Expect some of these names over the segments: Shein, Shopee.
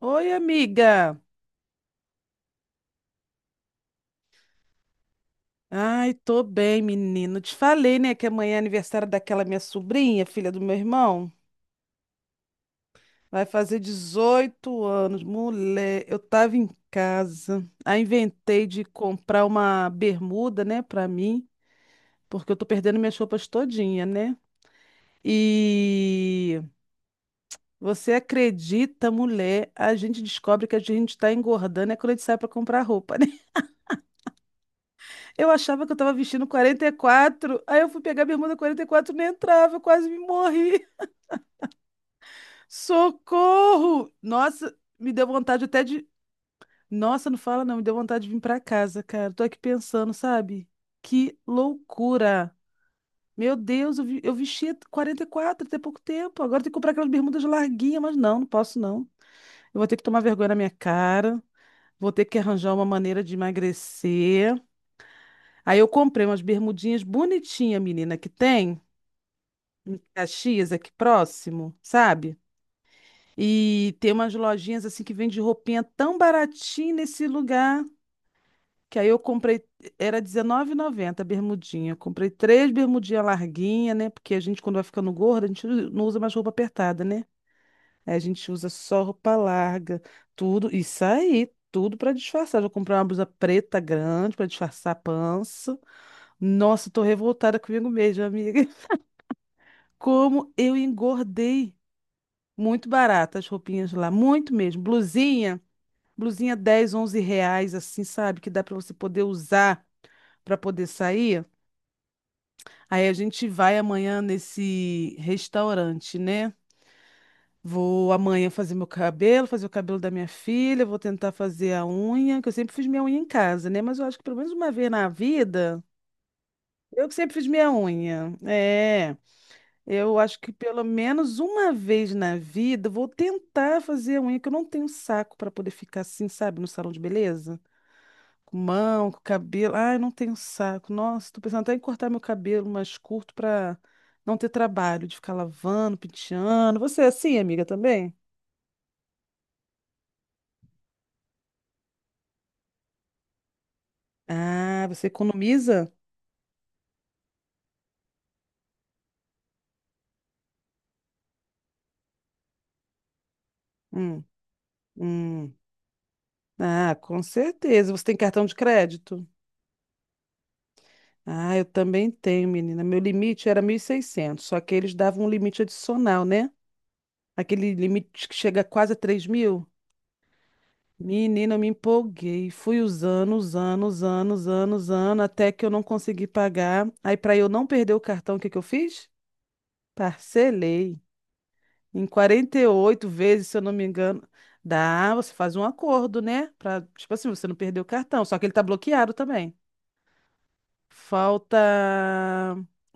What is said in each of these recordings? Oi, amiga. Ai, tô bem, menino. Te falei, né, que amanhã é aniversário daquela minha sobrinha, filha do meu irmão. Vai fazer 18 anos. Mulher, eu tava em casa. Aí inventei de comprar uma bermuda, né, pra mim, porque eu tô perdendo minhas roupas todinha, né? E você acredita, mulher? A gente descobre que a gente tá engordando é quando a gente sai pra comprar roupa, né? Eu achava que eu tava vestindo 44. Aí eu fui pegar a bermuda 44, nem entrava, eu quase me morri. Socorro! Nossa, me deu vontade até de. Nossa, não fala não, me deu vontade de vir pra casa, cara. Tô aqui pensando, sabe? Que loucura! Meu Deus, eu vestia 44 até pouco tempo. Agora tem que comprar aquelas bermudas larguinhas, mas não, não posso não. Eu vou ter que tomar vergonha na minha cara. Vou ter que arranjar uma maneira de emagrecer. Aí eu comprei umas bermudinhas bonitinhas, menina, que tem. Em Caxias, aqui próximo, sabe? E tem umas lojinhas assim que vende roupinha tão baratinha nesse lugar, que aí eu comprei, era R$ 19,90 a bermudinha. Eu comprei três bermudinhas larguinha, né? Porque a gente, quando vai ficando gorda, a gente não usa mais roupa apertada, né? Aí a gente usa só roupa larga, tudo, isso aí, tudo para disfarçar. Já comprei uma blusa preta grande para disfarçar a pança. Nossa, tô revoltada comigo mesma, amiga. Como eu engordei. Muito barato as roupinhas lá, muito mesmo. Blusinha, blusinha dez 11 reais, assim, sabe? Que dá para você poder usar para poder sair. Aí a gente vai amanhã nesse restaurante, né? Vou amanhã fazer meu cabelo, fazer o cabelo da minha filha, vou tentar fazer a unha, que eu sempre fiz minha unha em casa, né? Mas eu acho que pelo menos uma vez na vida, eu que sempre fiz minha unha. É. Eu acho que pelo menos uma vez na vida eu vou tentar fazer a unha, que eu não tenho saco para poder ficar assim, sabe, no salão de beleza? Com mão, com cabelo. Ai, não tenho saco. Nossa, tô pensando até em cortar meu cabelo mais curto para não ter trabalho de ficar lavando, penteando. Você é assim, amiga, também? Ah, você economiza? Hum, hum. Ah, com certeza. Você tem cartão de crédito? Ah, eu também tenho, menina. Meu limite era 1.600, só que eles davam um limite adicional, né? Aquele limite que chega quase a 3 mil. Menina, eu me empolguei. Fui usando, usando, usando, usando, usando, até que eu não consegui pagar. Aí, para eu não perder o cartão, o que que eu fiz? Parcelei. Em 48 vezes, se eu não me engano. Dá, você faz um acordo, né? Pra, tipo assim, você não perder o cartão. Só que ele tá bloqueado também. Falta,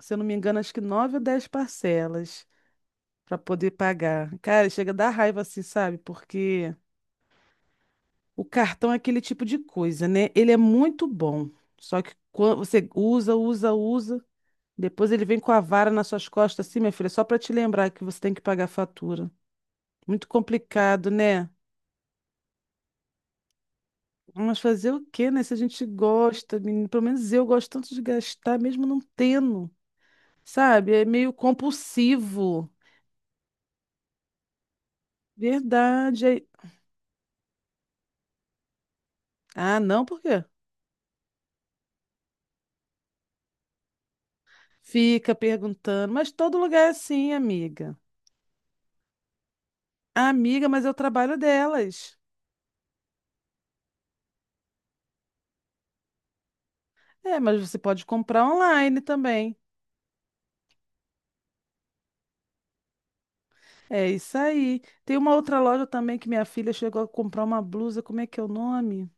se eu não me engano, acho que nove ou dez parcelas para poder pagar. Cara, chega a dar raiva assim, sabe? Porque o cartão é aquele tipo de coisa, né? Ele é muito bom. Só que quando você usa, usa, usa, depois ele vem com a vara nas suas costas, assim, minha filha, só para te lembrar que você tem que pagar a fatura. Muito complicado, né? Mas fazer o quê, né? Se a gente gosta, menino, pelo menos eu gosto tanto de gastar, mesmo não tendo, sabe? É meio compulsivo. Verdade. Ah, não, por quê? Fica perguntando, mas todo lugar é assim, amiga. Amiga, mas é o trabalho delas. É, mas você pode comprar online também. É isso aí. Tem uma outra loja também que minha filha chegou a comprar uma blusa, como é que é o nome?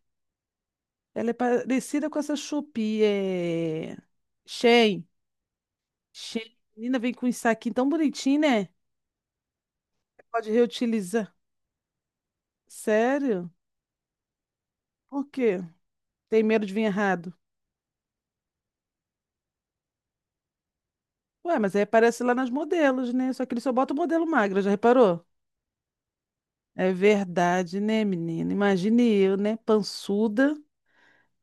Ela é parecida com essa Shopee, é... Shein. Shein. Menina, vem com um saquinho tão bonitinho, né? Pode reutilizar. Sério? Por quê? Tem medo de vir errado? Ué, mas aí aparece lá nas modelos, né? Só que ele só bota o modelo magra, já reparou? É verdade, né, menina? Imagine eu, né? Pançuda.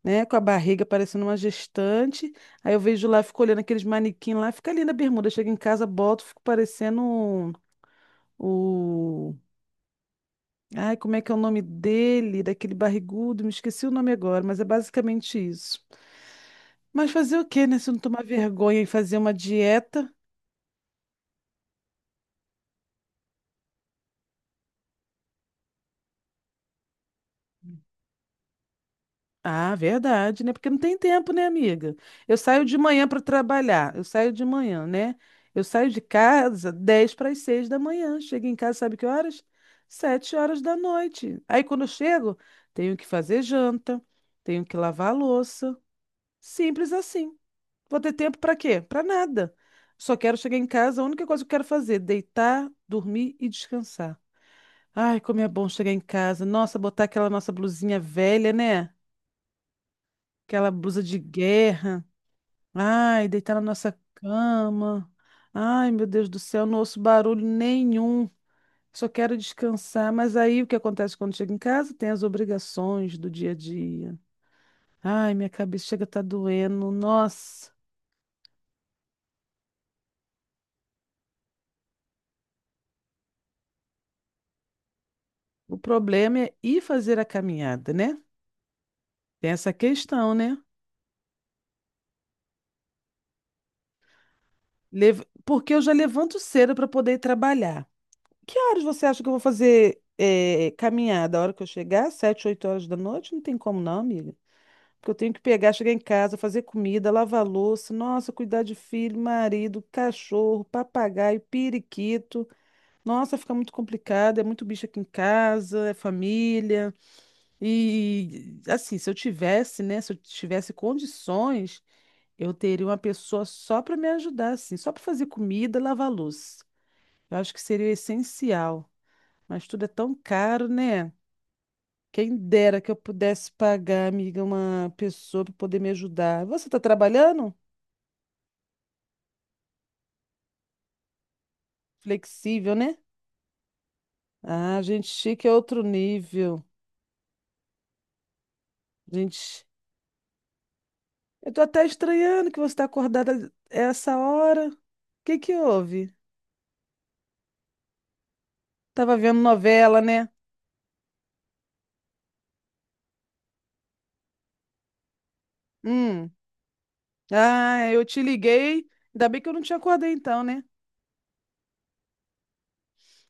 Né? Com a barriga parecendo uma gestante. Aí eu vejo lá, fico olhando aqueles manequim lá, fica ali na bermuda. Chego em casa, boto, fico parecendo o. Ai, como é que é o nome dele? Daquele barrigudo, me esqueci o nome agora, mas é basicamente isso. Mas fazer o quê, né? Se eu não tomar vergonha e fazer uma dieta. Ah, verdade, né? Porque não tem tempo, né, amiga? Eu saio de manhã para trabalhar, eu saio de manhã, né? Eu saio de casa 10 para as 6 da manhã, chego em casa, sabe que horas? 7 horas da noite. Aí quando eu chego, tenho que fazer janta, tenho que lavar a louça. Simples assim. Vou ter tempo para quê? Para nada. Só quero chegar em casa, a única coisa que eu quero fazer, deitar, dormir e descansar. Ai, como é bom chegar em casa. Nossa, botar aquela nossa blusinha velha, né? Aquela blusa de guerra. Ai, deitar na nossa cama. Ai, meu Deus do céu, não ouço barulho nenhum. Só quero descansar. Mas aí o que acontece quando chego em casa? Tem as obrigações do dia a dia. Ai, minha cabeça chega a estar doendo. Nossa, o problema é ir fazer a caminhada, né? Tem essa questão, né? Porque eu já levanto cedo para poder ir trabalhar. Que horas você acha que eu vou fazer caminhada? A hora que eu chegar? Sete, oito horas da noite? Não tem como não, amiga. Porque eu tenho que pegar, chegar em casa, fazer comida, lavar louça, nossa, cuidar de filho, marido, cachorro, papagaio, periquito. Nossa, fica muito complicado, é muito bicho aqui em casa, é família. E assim, se eu tivesse, né, se eu tivesse condições, eu teria uma pessoa só para me ajudar, assim, só para fazer comida, lavar louça. Eu acho que seria essencial, mas tudo é tão caro, né? Quem dera que eu pudesse pagar, amiga, uma pessoa para poder me ajudar. Você está trabalhando? Flexível, né? Ah, gente chique é outro nível. Gente, eu tô até estranhando que você está acordada essa hora. O que que houve? Tava vendo novela, né? Hum. Ah, eu te liguei. Ainda bem que eu não te acordei então, né?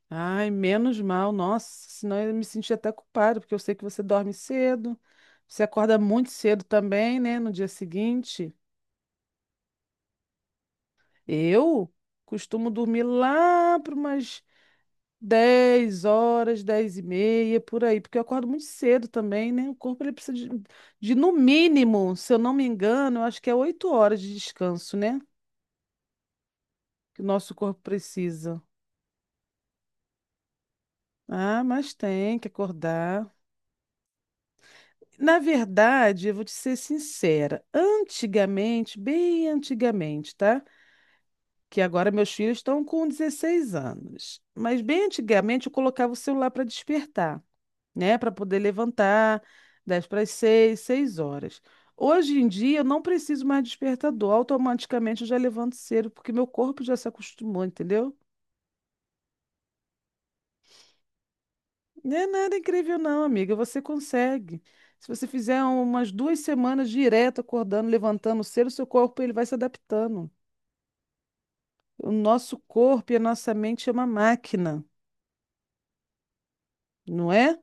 Ai, menos mal. Nossa, senão eu me senti até culpado, porque eu sei que você dorme cedo. Você acorda muito cedo também, né? No dia seguinte. Eu costumo dormir lá para umas 10 horas, 10 e meia, por aí, porque eu acordo muito cedo também, né? O corpo ele precisa de, no mínimo, se eu não me engano, eu acho que é 8 horas de descanso, né? Que o nosso corpo precisa. Ah, mas tem que acordar. Na verdade, eu vou te ser sincera, antigamente, bem antigamente, tá? Que agora meus filhos estão com 16 anos. Mas bem antigamente eu colocava o celular para despertar. Né, para poder levantar, 10 para as 6 6 horas. Hoje em dia eu não preciso mais de despertador, automaticamente eu já levanto cedo, porque meu corpo já se acostumou, entendeu? Não é nada incrível não, amiga, você consegue. Se você fizer umas duas semanas direto acordando, levantando cedo, seu corpo ele vai se adaptando. O nosso corpo e a nossa mente é uma máquina, não é?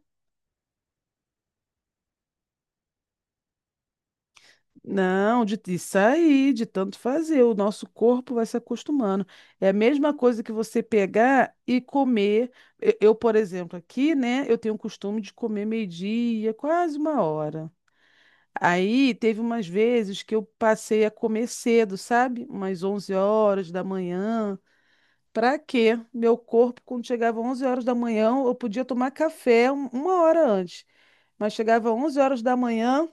Não, de sair, de tanto fazer. O nosso corpo vai se acostumando. É a mesma coisa que você pegar e comer. Eu, por exemplo, aqui, né, eu tenho o costume de comer meio-dia, quase uma hora. Aí teve umas vezes que eu passei a comer cedo, sabe? Umas 11 horas da manhã. Pra quê? Meu corpo, quando chegava 11 horas da manhã, eu podia tomar café uma hora antes. Mas chegava 11 horas da manhã.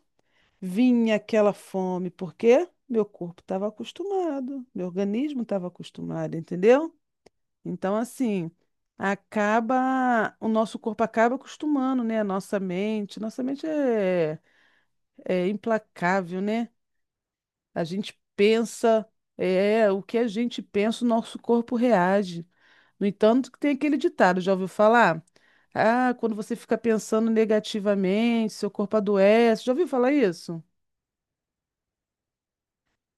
Vinha aquela fome, porque meu corpo estava acostumado, meu organismo estava acostumado, entendeu? Então, assim, acaba, o nosso corpo acaba acostumando, né? A nossa mente é implacável, né? A gente pensa, o que a gente pensa, o nosso corpo reage. No entanto, que tem aquele ditado, já ouviu falar? Ah, quando você fica pensando negativamente, seu corpo adoece. Já ouviu falar isso?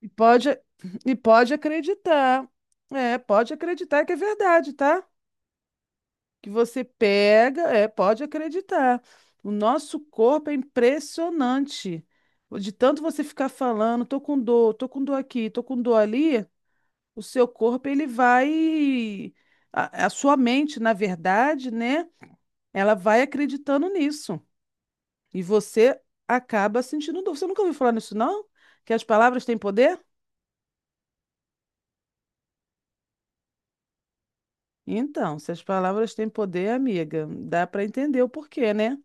E pode, e pode acreditar. É, pode acreditar que é verdade, tá? Que você pega, pode acreditar. O nosso corpo é impressionante. De tanto você ficar falando, tô com dor aqui, tô com dor ali, o seu corpo ele vai a sua mente, na verdade, né? Ela vai acreditando nisso. E você acaba sentindo dor. Você nunca ouviu falar nisso, não? Que as palavras têm poder? Então, se as palavras têm poder, amiga, dá para entender o porquê, né?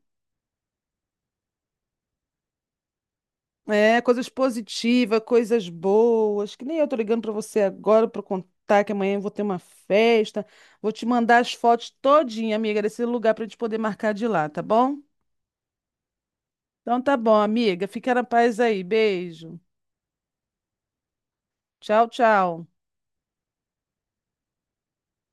É, coisas positivas, coisas boas, que nem eu tô ligando para você agora para contar que amanhã eu vou ter uma festa. Vou te mandar as fotos todinha, amiga, desse lugar para a gente poder marcar de lá, tá bom? Então tá bom, amiga. Fica na paz aí. Beijo. Tchau, tchau.